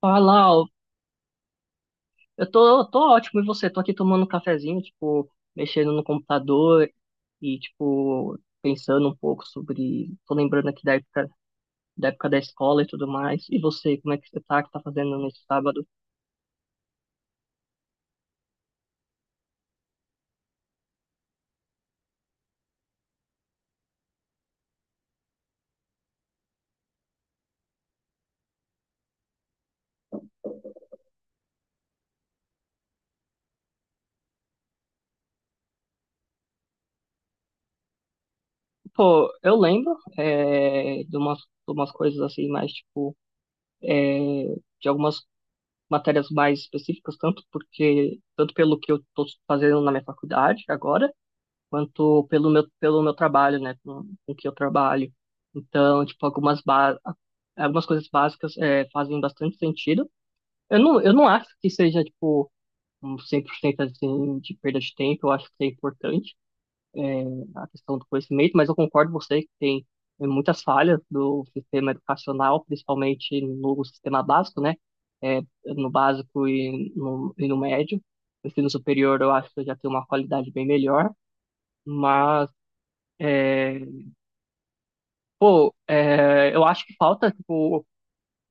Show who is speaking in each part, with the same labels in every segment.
Speaker 1: Fala, Lau. Eu tô ótimo, e você? Tô aqui tomando um cafezinho, tipo, mexendo no computador e, tipo, pensando um pouco Tô lembrando aqui da época, da época da escola e tudo mais. E você, como é que você tá, que tá fazendo nesse sábado? Pô, eu lembro de umas coisas assim, mais, tipo, é, de algumas matérias mais específicas, tanto porque, tanto pelo que eu tô fazendo na minha faculdade agora, quanto pelo meu trabalho, né, com que eu trabalho. Então, tipo, algumas coisas básicas fazem bastante sentido. Eu não acho que seja, tipo, um 100% assim, de perda de tempo, eu acho que é importante é, a questão do conhecimento, mas eu concordo com você que tem, muitas falhas do sistema educacional, principalmente no sistema básico, né? É, no básico e no médio. No ensino superior, eu acho que já tem uma qualidade bem melhor, mas é, pô, eu acho que falta, tipo,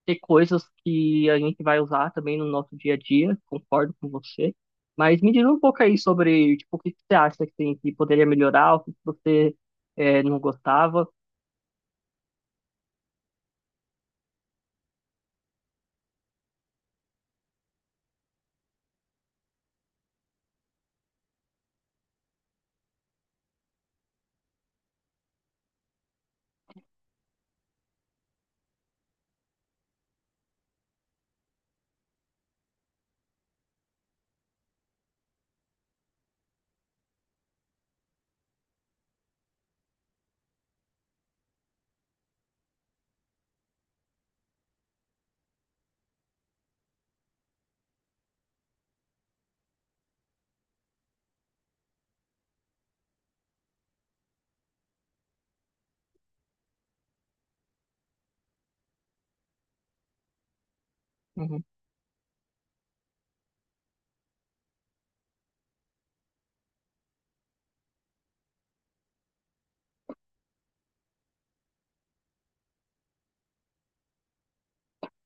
Speaker 1: ter coisas que a gente vai usar também no nosso dia a dia, concordo com você. Mas me diz um pouco aí sobre, tipo, o que que você acha que tem que poderia melhorar, o que que você não gostava. Uhum.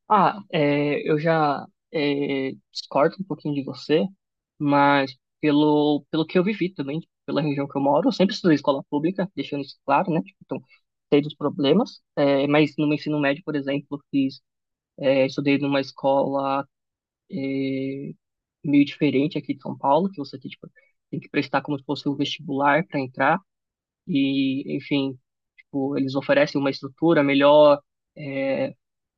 Speaker 1: Ah, é, eu já discordo um pouquinho de você, mas pelo, pelo que eu vivi também, tipo, pela região que eu moro, eu sempre estudei em escola pública, deixando isso claro, né? Tipo, então, sei dos problemas, é, mas no meu ensino médio, por exemplo, eu fiz É, estudei numa escola é, meio diferente aqui de São Paulo, que você tem, tipo, tem que prestar como se fosse um vestibular para entrar. E, enfim, tipo, eles oferecem uma estrutura melhor, é,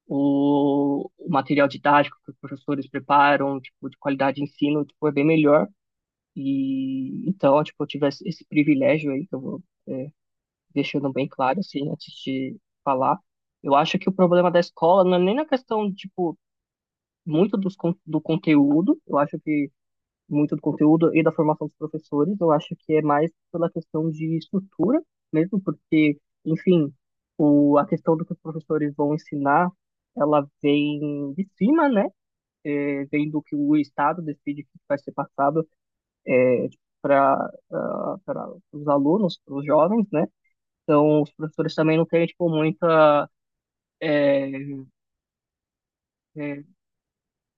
Speaker 1: o material didático que os professores preparam, tipo, de qualidade de ensino, tipo, é bem melhor. E então, tipo, eu tive esse privilégio aí, que eu vou deixando bem claro, assim, antes de falar. Eu acho que o problema da escola não é nem na questão, tipo, muito dos, do conteúdo, eu acho que muito do conteúdo e da formação dos professores, eu acho que é mais pela questão de estrutura mesmo, porque, enfim, o, a questão do que os professores vão ensinar, ela vem de cima, né? É, vem do que o Estado decide que vai ser passado para os alunos, para os jovens, né? Então, os professores também não têm, tipo, muita, é, é,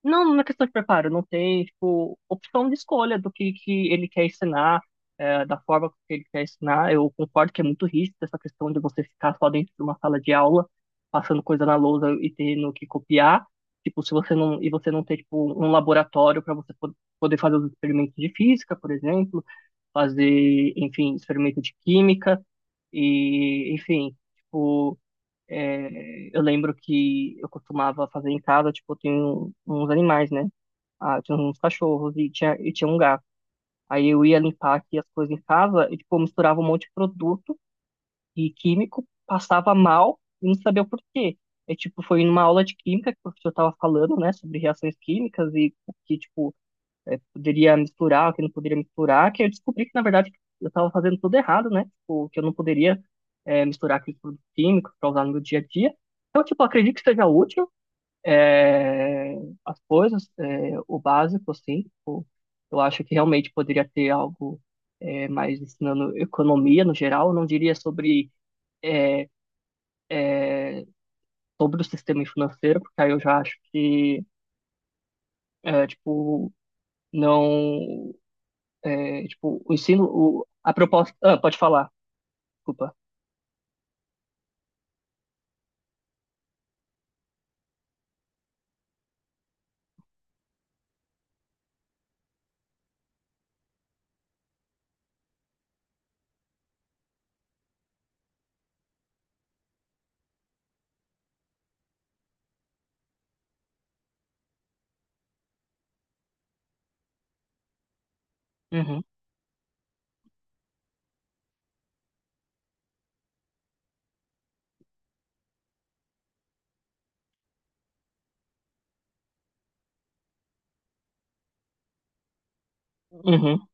Speaker 1: não, não é questão de preparo, não tem, tipo, opção de escolha do que ele quer ensinar, é, da forma que ele quer ensinar. Eu concordo que é muito rígido essa questão de você ficar só dentro de uma sala de aula, passando coisa na lousa e tendo que copiar. Tipo, se você não, e você não ter, tipo, um laboratório para você poder fazer os experimentos de física, por exemplo, fazer, enfim, experimento de química, e, enfim, tipo. É, eu lembro que eu costumava fazer em casa, tipo, eu tenho uns animais, né? Ah, eu tinha uns cachorros e tinha um gato. Aí eu ia limpar aqui as coisas em casa e, tipo, eu misturava um monte de produto e químico, passava mal e não sabia o porquê. É, tipo, foi numa aula de química que o professor tava falando, né, sobre reações químicas e que, tipo, poderia misturar, o que não poderia misturar, que eu descobri que, na verdade, eu estava fazendo tudo errado, né? Tipo, que eu não poderia misturar aqueles produtos químicos para usar no meu dia a dia. Então, tipo, eu acredito que seja útil, é, as coisas, é, o básico, assim. Tipo, eu acho que realmente poderia ter algo, mais ensinando economia no geral. Eu não diria sobre, é, sobre o sistema financeiro, porque aí eu já acho que, tipo, não É, tipo, o ensino, o, a proposta. Ah, pode falar, desculpa. Uhum, uhum,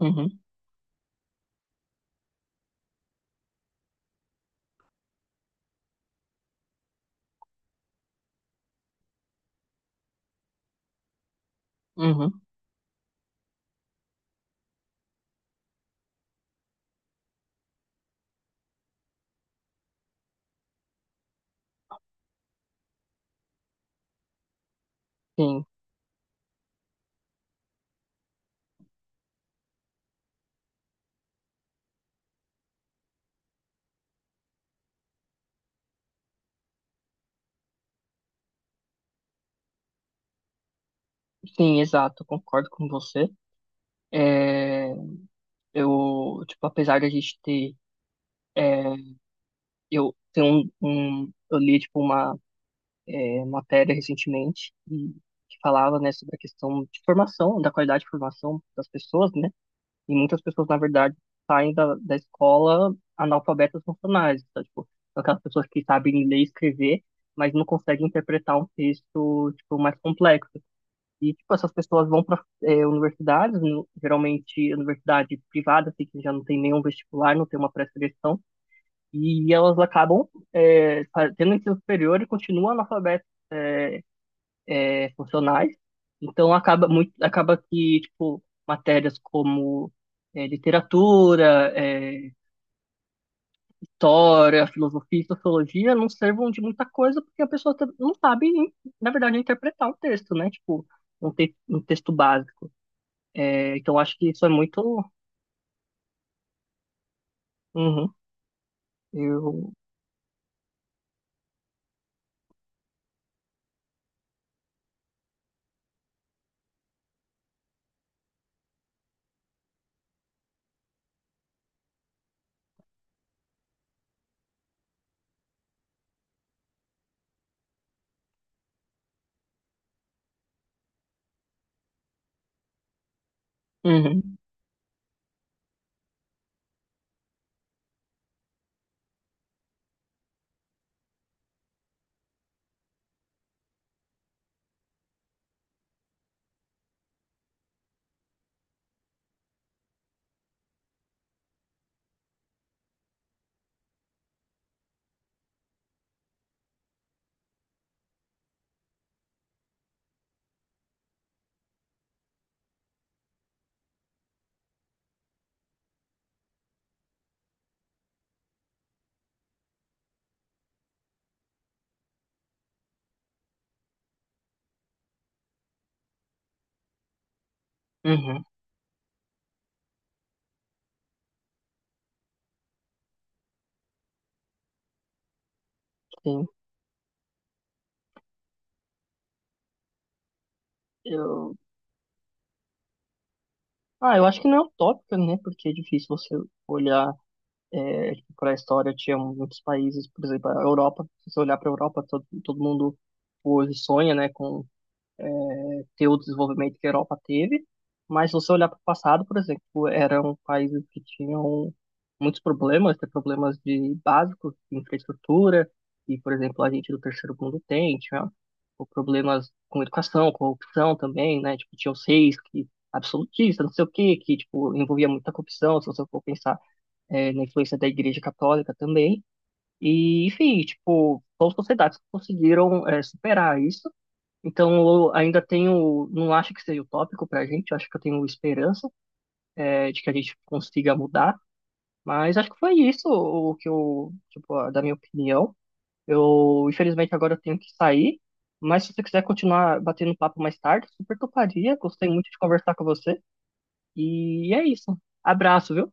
Speaker 1: uhum, uhum. Sim, sim, exato, concordo com você. É, eu, tipo, apesar de a gente ter. Eu tenho um, eu li, tipo, uma, matéria recentemente e que falava, né, sobre a questão de formação, da qualidade de formação das pessoas, né? E muitas pessoas, na verdade, saem da, da escola analfabetas funcionais. Então, tipo, são aquelas pessoas que sabem ler e escrever, mas não conseguem interpretar um texto, tipo, mais complexo. E, tipo, essas pessoas vão para universidades, geralmente universidade privada, assim, que já não tem nenhum vestibular, não tem uma pré-seleção, e elas acabam, tendo ensino superior e continuam analfabetas, é, funcionais. Então acaba muito, acaba que tipo matérias como literatura, história, filosofia e sociologia não servam de muita coisa porque a pessoa não sabe, na verdade, interpretar o texto, né? Tipo, um, te um texto básico. É, então acho que isso é muito. Uhum, eu. Uhum, uhum, sim. Eu... Ah, eu acho que não é utópica, né? Porque é difícil você olhar É, para a história tinha muitos países, por exemplo, a Europa. Se você olhar para a Europa, todo, todo mundo hoje sonha, né, com, é, ter o desenvolvimento que a Europa teve, mas se você olhar para o passado, por exemplo, eram países que tinham muitos problemas, tem problemas de básicos, de infraestrutura, e, por exemplo, a gente do terceiro mundo tem, tinha o problemas com educação, corrupção também, né, tipo, tinha os reis que absolutistas, não sei o quê, que, tipo, envolvia muita corrupção, se você for pensar, na influência da Igreja Católica também. E, enfim, tipo, são sociedades que conseguiram, superar isso. Então, eu ainda tenho, não acho que seja utópico para a gente, acho que eu tenho esperança de que a gente consiga mudar. Mas acho que foi isso o que eu, tipo, da minha opinião. Eu, infelizmente, agora eu tenho que sair. Mas se você quiser continuar batendo papo mais tarde, super toparia. Gostei muito de conversar com você. E é isso. Abraço, viu?